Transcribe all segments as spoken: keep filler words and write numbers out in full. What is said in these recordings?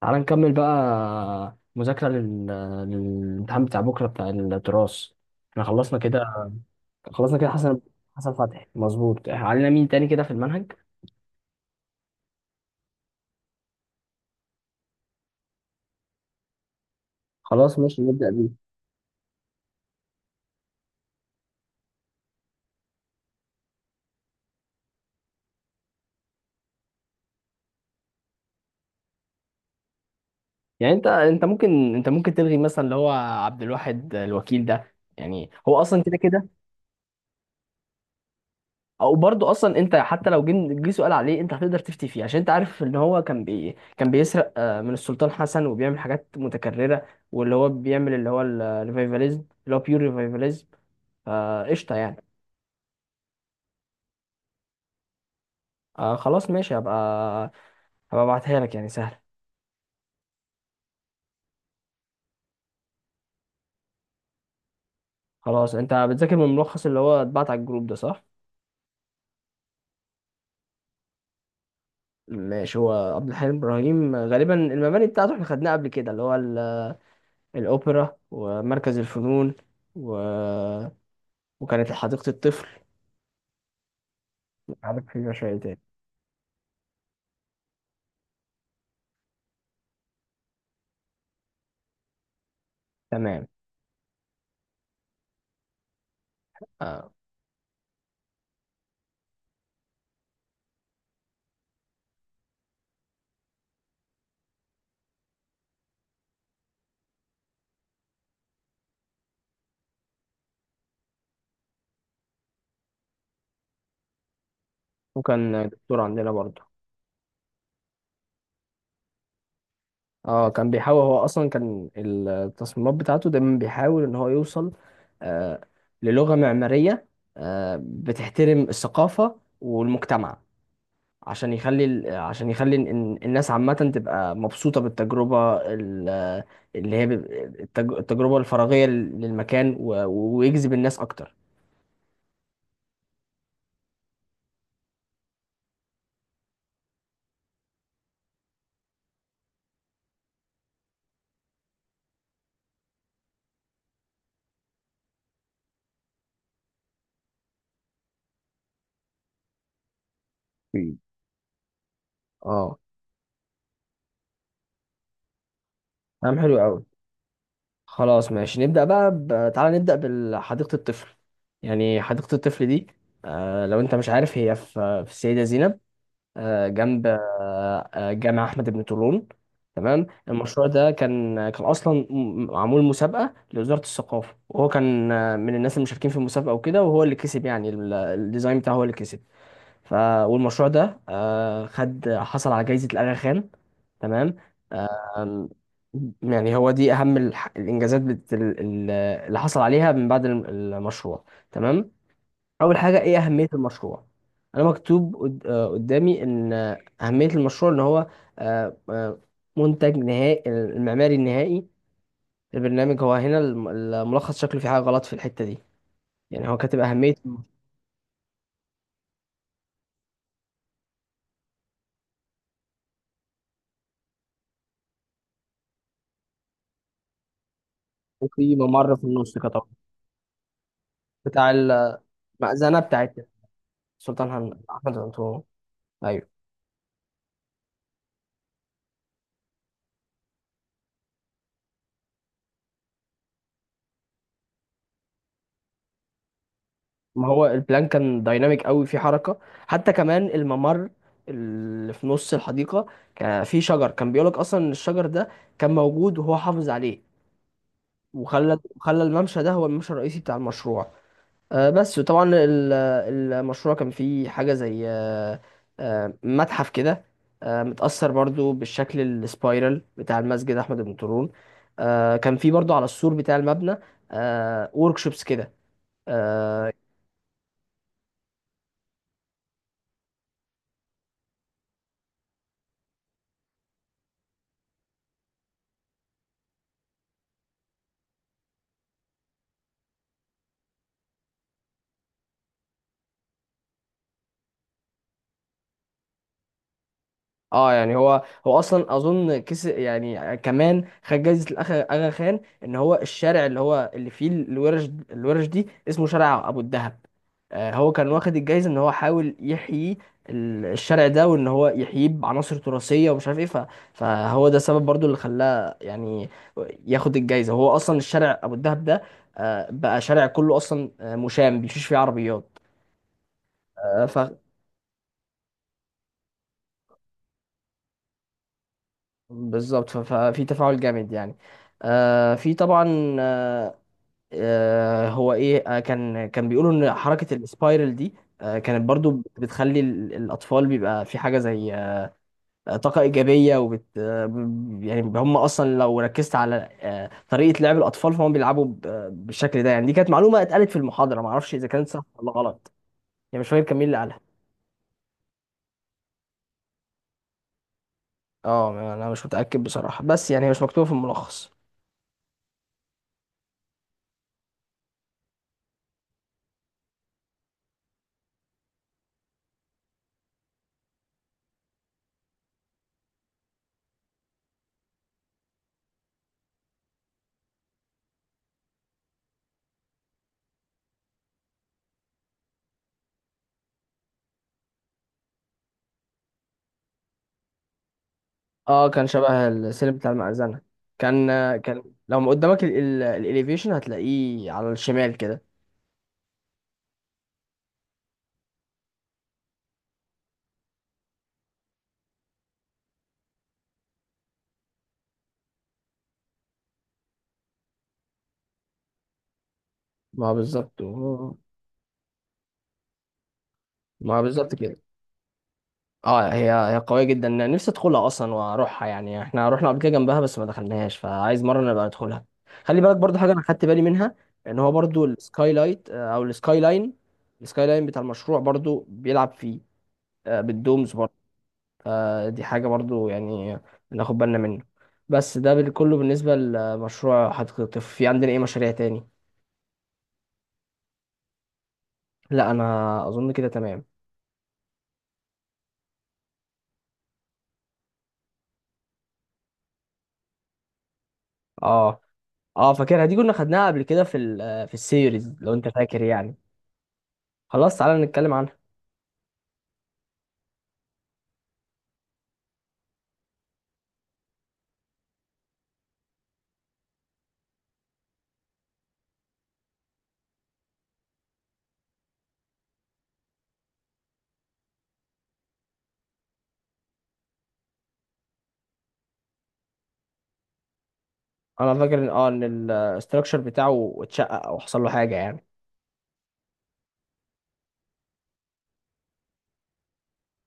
تعال نكمل بقى مذاكرة لل... للامتحان بتاع بكرة بتاع التراث. احنا خلصنا كده. خلصنا كده حسن. حسن فتحي مظبوط، علينا مين تاني كده في المنهج؟ خلاص ماشي نبدأ بيه. يعني انت انت ممكن، انت ممكن تلغي مثلا اللي هو عبد الواحد الوكيل ده، يعني هو اصلا كده كده. او برضه اصلا انت حتى لو جه جه سؤال عليه انت هتقدر تفتي فيه، عشان انت عارف ان هو كان بي... كان بيسرق آه، من السلطان حسن وبيعمل حاجات متكررة، واللي هو بيعمل اللي هو الريفايفاليزم اللي هو بيور ريفايفاليزم. فقشطة يعني. آه خلاص ماشي هبقى. هبقى ابعتها لك، يعني سهل. خلاص انت بتذاكر من الملخص اللي هو اتبعت على الجروب ده صح؟ ماشي. هو عبد الحليم ابراهيم غالبا المباني بتاعته احنا خدناها قبل كده، اللي هو ال- الاوبرا ومركز الفنون و... وكانت حديقة الطفل. عارف في شيء تاني؟ تمام. آه وكان دكتور عندنا برضه. اه، كان بيحاول. هو اصلا كان التصميمات بتاعته دايما بيحاول ان هو يوصل آه للغة معمارية آه بتحترم الثقافة والمجتمع، عشان يخلي ال- عشان يخلي إن- إن الناس عامة تبقى مبسوطة بالتجربة ال- اللي هي ب- التج- التجربة الفراغية للمكان، و- ويجذب الناس اكتر. مم. اه كلام حلو قوي. خلاص ماشي نبدأ بقى ب... تعالى نبدأ بحديقة الطفل. يعني حديقة الطفل دي، آه لو انت مش عارف، هي في في السيدة زينب، آه جنب آه آه، جامع أحمد بن طولون. تمام. المشروع ده كان كان أصلا م- معمول مسابقة لوزارة الثقافة، وهو كان آه، من الناس المشاركين في المسابقة وكده، وهو اللي كسب. يعني ال- الديزاين بتاعه هو اللي كسب. ف والمشروع ده آه، خد حصل على جايزة الأغا خان. تمام. آم، يعني هو دي أهم الح- الإنجازات بت- ال- ال- اللي حصل عليها من بعد الم- المشروع. تمام. أول حاجة إيه أهمية المشروع؟ أنا مكتوب قد- آه، قدامي إن آه، أهمية المشروع إن هو آه، آه، منتج نهائي، المعماري النهائي، البرنامج. هو هنا الم- الملخص شكله في حاجة غلط في الحتة دي، يعني هو كاتب أهمية وفي ممر في النص كتب بتاع المأذنة بتاعت سلطان هن... أحمد أنطونيو. أيوه. ما هو البلان كان دايناميك قوي في حركة، حتى كمان الممر اللي في نص الحديقة كان فيه شجر. كان بيقولك أصلا إن الشجر ده كان موجود وهو حافظ عليه، وخلى خلى الممشى ده هو الممشى الرئيسي بتاع المشروع. آه، بس. وطبعا ال- المشروع كان فيه حاجة زي آه، آه، متحف كده، آه، متأثر برضو بالشكل السبايرال بتاع المسجد أحمد بن طولون. آه، كان فيه برضو على السور بتاع المبنى وركشوبس كده. آه، اه يعني هو هو اصلا اظن كس، يعني كمان خد جايزه الاخ اغا خان ان هو الشارع اللي هو اللي فيه الورش الورش دي اسمه شارع ابو الدهب. آه هو كان واخد الجايزه ان هو حاول يحيي ال- الشارع ده، وان هو يحييه بعناصر تراثيه ومش عارف ايه. ف- فهو ده سبب برضو اللي خلاه يعني ياخد الجايزه. هو اصلا الشارع ابو الدهب ده آه بقى شارع كله اصلا، آه، مشام بيمشيش فيه عربيات. بالظبط. ف- ففي تفاعل جامد يعني. آه في طبعا آه آه هو ايه آه كان كان بيقولوا ان حركة السبايرل دي آه كانت برضو بتخلي ال- الاطفال بيبقى في حاجة زي آه طاقة ايجابية. وبت آه ب- يعني هم اصلا لو ركزت على آه طريقة لعب الاطفال، فهم بيلعبوا ب- آه، بالشكل ده، يعني دي كانت معلومة اتقالت في المحاضرة، معرفش اذا كانت صح ولا غلط. يعني مش فاكر كان مين اللي قالها. اه انا مش متأكد بصراحة، بس يعني هي مش مكتوبة في الملخص. اه كان شبه السلم بتاع المأذنة. كان، كان لو قدامك الاليفيشن هتلاقيه على الشمال كده. ما هو بالظبط هو- ما هو بالظبط كده. اه هي هي قوية جدا، نفسي ادخلها اصلا واروحها. يعني احنا رحنا قبل كده جنبها بس ما دخلناهاش، فعايز مرة نبقى ندخلها. خلي بالك برضو حاجة انا خدت بالي منها، ان هو برضو السكاي لايت آه، او السكاي لاين. السكاي لاين بتاع المشروع برضو بيلعب فيه آه، بالدومز. آه، دي حاجة برضو يعني ناخد بالنا منه. بس ده بال- كله بالنسبة لمشروع حديقة الطفل. في عندنا ايه مشاريع تاني؟ لا انا اظن كده تمام. اه اه فاكرها دي، كنا خدناها قبل كده في ال في السيريز لو انت فاكر يعني. خلاص تعالى نتكلم عنها. انا فاكر ان اه ان الاستراكشر بتاعه اتشقق او حصل له حاجة يعني.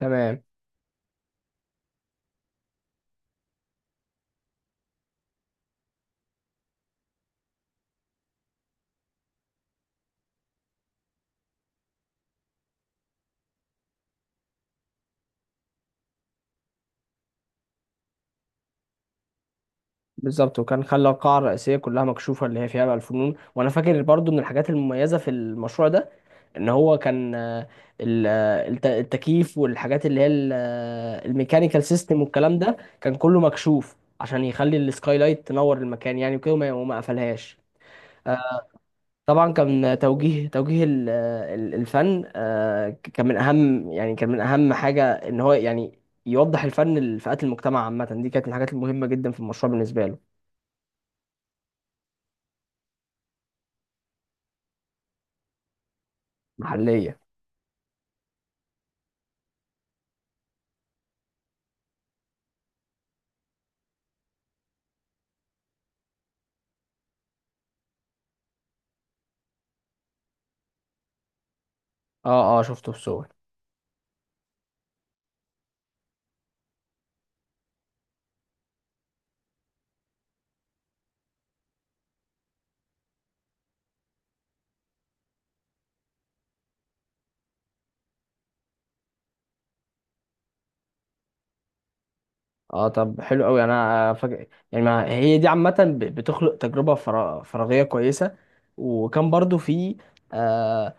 تمام. بالظبط. وكان خلى القاعة الرئيسية كلها مكشوفة، اللي هي فيها بقى الفنون. وانا فاكر برضو من الحاجات المميزة في المشروع ده ان هو كان آه، ال- آه، الت- التكييف والحاجات اللي هي ال- آه، الميكانيكال سيستم والكلام ده كان كله مكشوف، عشان يخلي السكاي لايت تنور المكان يعني وكده، وما وما قفلهاش. آه، طبعا كان توجيه توجيه ال- آه، ال- الفن آه، ك- كان من اهم، يعني كان من اهم حاجه ان هو يعني يوضح الفن لفئات المجتمع عامه. دي كانت من الحاجات المهمه جدا في المشروع بالنسبه له. محليه. اه اه شفته في سوق. اه طب حلو قوي. انا فاكر يعني ما هي دي عامه ب- بتخلق تجربه فرا- فراغيه كويسه. وكان برضو في آه،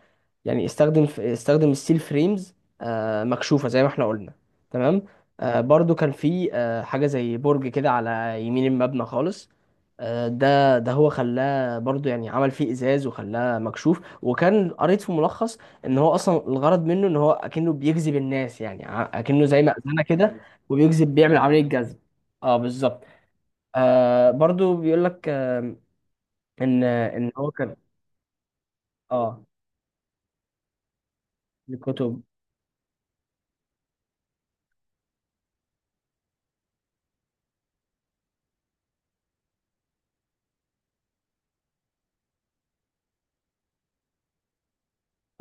يعني استخدم استخدم الستيل فريمز آه، مكشوفة زي ما احنا قلنا. تمام. آه، برضو كان في آه، حاجة زي برج كده على يمين المبنى خالص. آه، ده ده هو خلاه برضو يعني عمل فيه ازاز وخلاه مكشوف، وكان قريت في ملخص ان هو اصلا الغرض منه ان هو اكنه بيجذب الناس، يعني ع- اكنه زي مأذنة كده. وبيجذب بيعمل عملية جذب. اه بالظبط. آه برضو بيقول لك آه ان ان هو كان اه الكتب.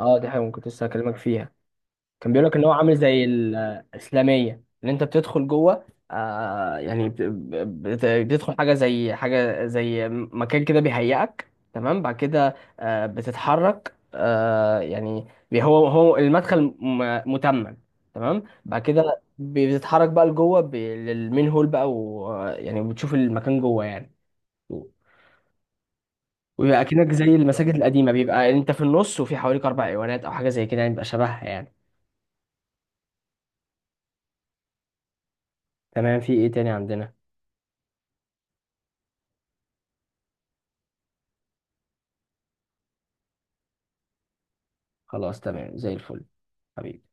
اه دي حاجة ممكن لسه هكلمك فيها. كان بيقول لك ان هو عامل زي الاسلاميه، ان انت بتدخل جوه آه يعني بت- بت- بتدخل حاجه زي حاجه زي مكان كده بيهيئك. تمام بعد كده آه بتتحرك، آه يعني بي- هو هو المدخل م- متمم. تمام بعد كده بتتحرك بقى لجوه ب- للمين هول بقى، ويعني بتشوف المكان جوه يعني. ويبقى اكنك زي المساجد القديمه بيبقى انت في النص وفي حواليك اربع ايوانات او حاجه زي كده، يعني بيبقى شبهها يعني. تمام. في ايه تاني عندنا؟ خلاص تمام زي الفل. حبيبي.